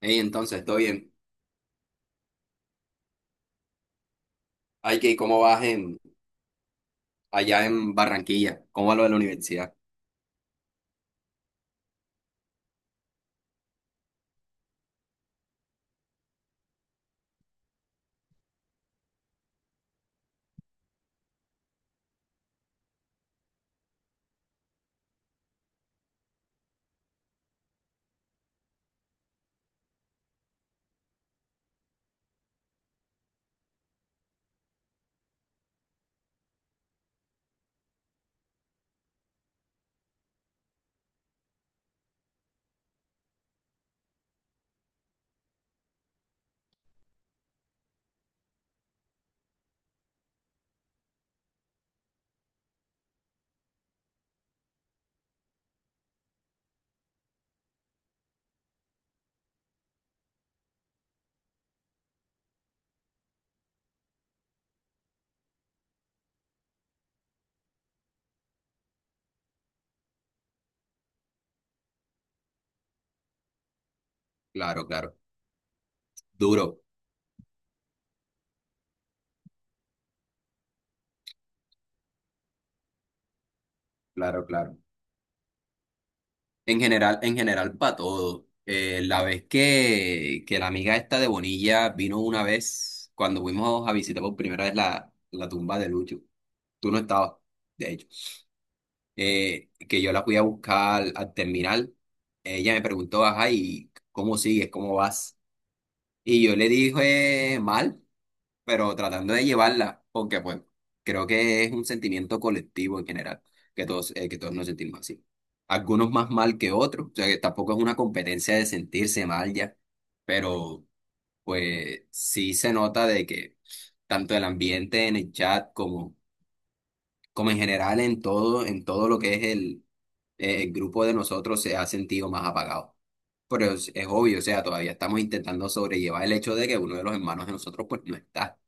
Ey, entonces, todo bien. Ay, que ¿cómo vas en, allá en Barranquilla? ¿Cómo va lo de la universidad? Claro, claro. Duro. Claro, claro. En general, para todo. La vez que la amiga esta de Bonilla vino una vez, cuando fuimos a visitar por primera vez la tumba de Lucho, tú no estabas, de hecho. Que yo la fui a buscar al terminal, ella me preguntó, ajá, ¿y cómo sigues? ¿Cómo vas? Y yo le dije, mal. Pero tratando de llevarla, porque pues creo que es un sentimiento colectivo en general, que todos nos sentimos así. Algunos más mal que otros, o sea que tampoco es una competencia de sentirse mal ya, pero pues sí se nota de que tanto el ambiente en el chat como, como en general en todo lo que es el grupo de nosotros se ha sentido más apagado. Pero es obvio, o sea, todavía estamos intentando sobrellevar el hecho de que uno de los hermanos de nosotros pues no está.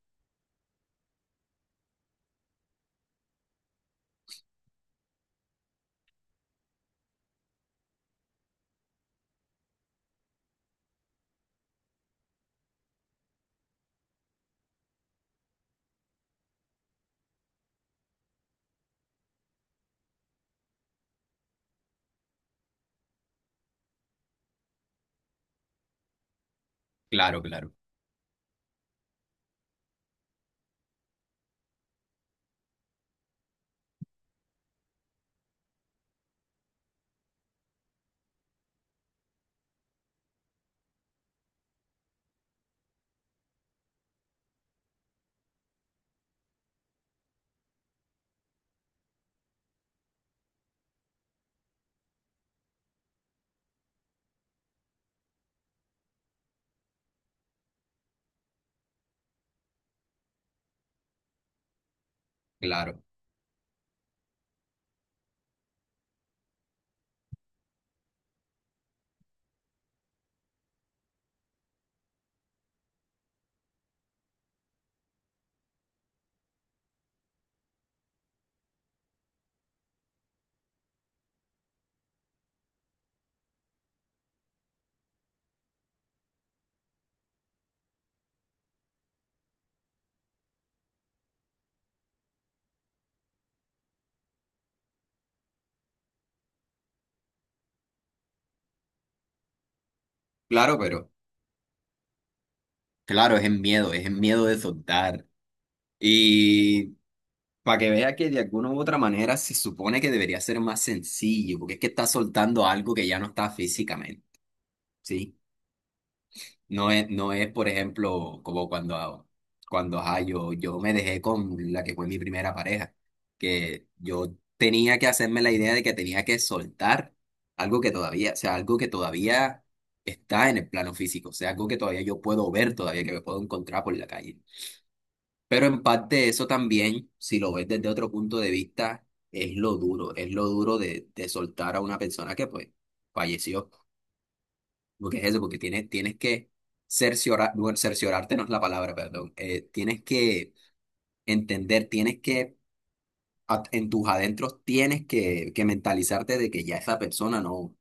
Claro, claro. Claro, claro, pero claro, es el miedo de soltar. Y para que vea que de alguna u otra manera se supone que debería ser más sencillo, porque es que está soltando algo que ya no está físicamente, ¿sí? No es, por ejemplo, como cuando ajá, yo me dejé con la que fue mi primera pareja, que yo tenía que hacerme la idea de que tenía que soltar algo que todavía, o sea, algo que todavía está en el plano físico, o sea, algo que todavía yo puedo ver, todavía que me puedo encontrar por la calle. Pero en parte eso también, si lo ves desde otro punto de vista, es lo duro de soltar a una persona que pues falleció. Porque es eso, porque tienes, tienes que cerciorar, bueno, cerciorarte no es la palabra, perdón. Tienes que entender, tienes que, en tus adentros, tienes que mentalizarte de que ya esa persona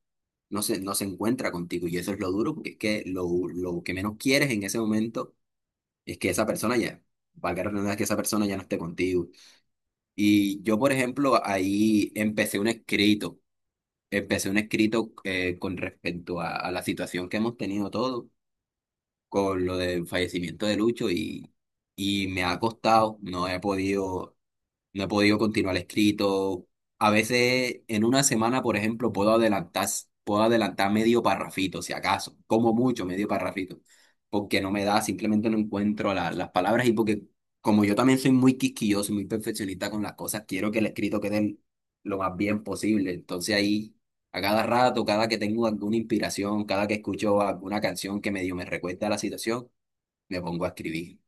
no se encuentra contigo. Y eso es lo duro, porque es que lo que menos quieres en ese momento es que esa persona ya, valga la redundancia, que esa persona ya no esté contigo. Y yo, por ejemplo, ahí empecé un escrito con respecto a la situación que hemos tenido todos con lo del fallecimiento de Lucho y me ha costado, no he podido no he podido continuar escrito. A veces en una semana, por ejemplo, puedo adelantar medio parrafito, si acaso, como mucho medio parrafito, porque no me da, simplemente no encuentro las palabras y porque como yo también soy muy quisquilloso y muy perfeccionista con las cosas, quiero que el escrito quede lo más bien posible. Entonces ahí, a cada rato, cada que tengo alguna inspiración, cada que escucho alguna canción que medio me recuerda a la situación, me pongo a escribir.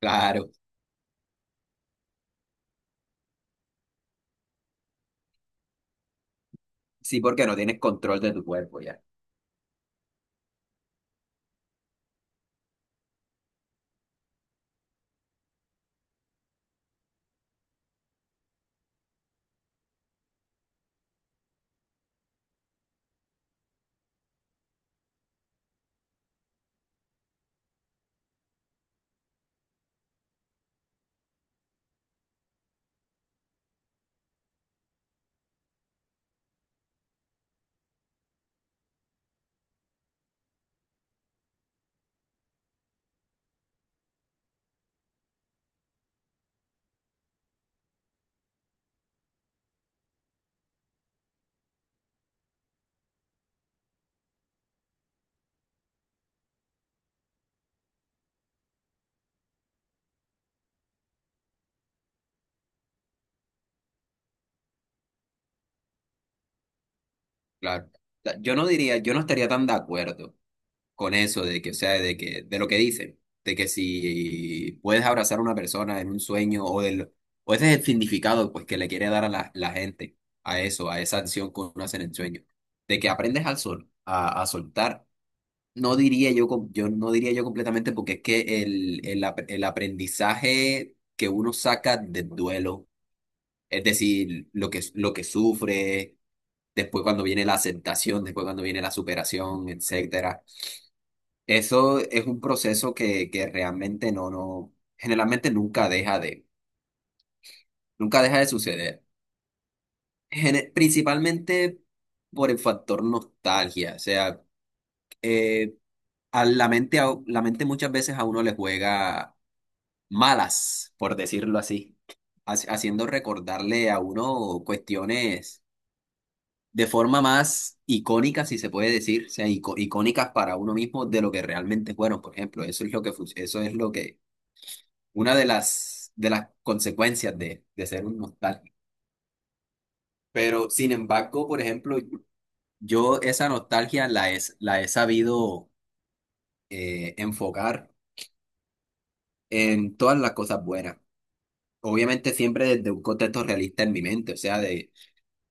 Claro, sí, porque no tienes control de tu cuerpo. Ya. Claro. O sea, yo no diría, yo no estaría tan de acuerdo con eso de o sea, de lo que dicen, de que si puedes abrazar a una persona en un sueño o del, o ese es el significado pues que le quiere dar a la gente a eso, a esa acción que uno hace en el sueño, de que aprendes al sol, a soltar. No diría yo, yo no diría yo completamente porque es que el aprendizaje que uno saca del duelo, es decir, lo que sufre después cuando viene la aceptación, después cuando viene la superación, etcétera. Eso es un proceso que realmente generalmente nunca deja de, nunca deja de suceder. Principalmente por el factor nostalgia, o sea, eh, a la mente, la mente muchas veces a uno le juega malas, por decirlo así, haciendo recordarle a uno cuestiones de forma más icónica, si se puede decir, o sea, icónicas para uno mismo de lo que realmente fueron, por ejemplo, eso es lo que, eso es lo que, una de de las consecuencias de ser un nostálgico. Pero, sin embargo, por ejemplo, yo esa nostalgia la he sabido enfocar en todas las cosas buenas. Obviamente siempre desde un contexto realista en mi mente, o sea, de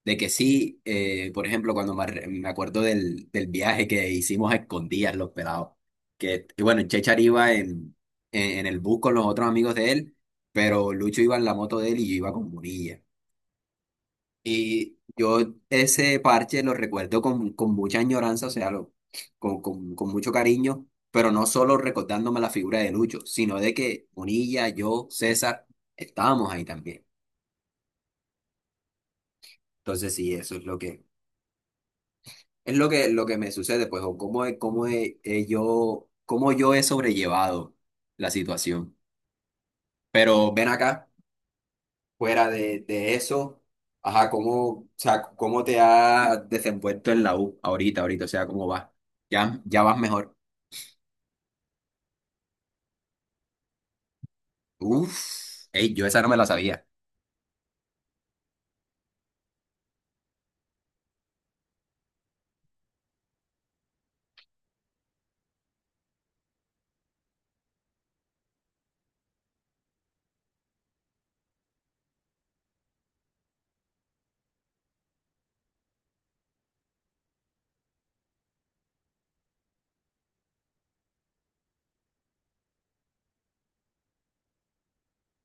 De que sí, por ejemplo, cuando me, me acuerdo del viaje que hicimos a escondidas los pelados, y bueno, Chechar iba en el bus con los otros amigos de él, pero Lucho iba en la moto de él y yo iba con Munilla. Y yo ese parche lo recuerdo con mucha añoranza, o sea, con mucho cariño, pero no solo recordándome la figura de Lucho, sino de que Munilla, yo, César, estábamos ahí también. Entonces sí, eso es lo que... Es lo lo que me sucede, pues, o he yo, cómo yo he sobrellevado la situación. Pero ven acá, fuera de eso, ajá, cómo, o sea, cómo te has desenvuelto en la U ahorita, ahorita, o sea, cómo vas. Ya, ya vas mejor. Uf, ey, yo esa no me la sabía.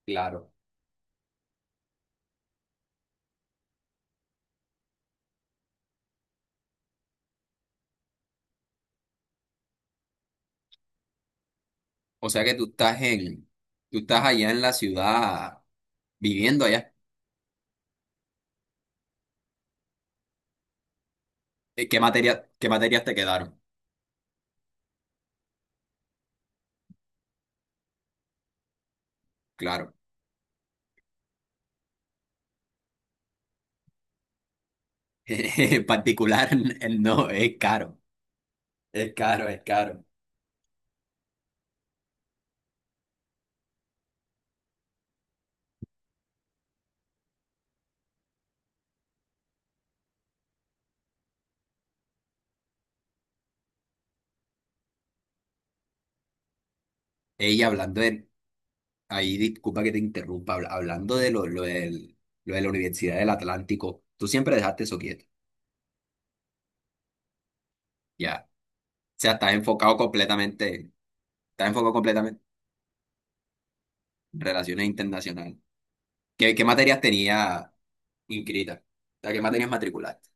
Claro. O sea que tú estás en, tú estás allá en la ciudad, viviendo allá. ¿Qué materia, qué materias te quedaron? Claro. En particular, no, es caro. Es caro, es caro. Ella hablando de, ahí disculpa que te interrumpa, hablando de lo de la Universidad del Atlántico, tú siempre dejaste eso quieto, ya. O sea, estás enfocado completamente en relaciones internacionales. ¿Qué, qué materias tenía inscritas? O sea, ¿qué materias matriculaste?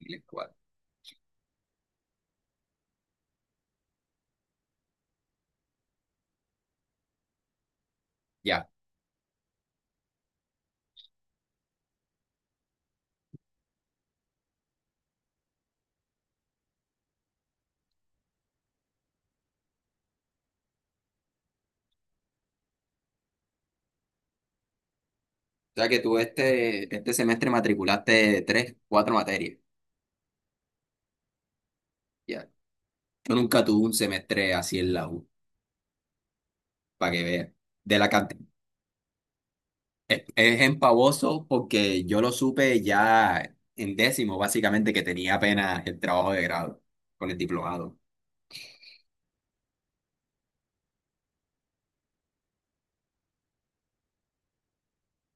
Dile, ¿cuál? Ya. O sea, que tú este, este semestre matriculaste tres, cuatro materias, ya. Yo nunca tuve un semestre así en la U, para que veas. De la cantidad es empavoso porque yo lo supe ya en décimo, básicamente, que tenía apenas el trabajo de grado con el diplomado.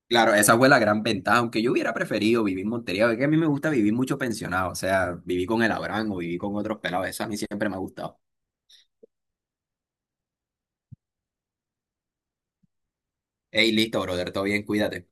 Claro, esa fue la gran ventaja, aunque yo hubiera preferido vivir en Montería, porque a mí me gusta vivir mucho pensionado, o sea, viví con el Abraham o viví con otros pelados, eso a mí siempre me ha gustado. Ey, listo, brother, todo bien, cuídate.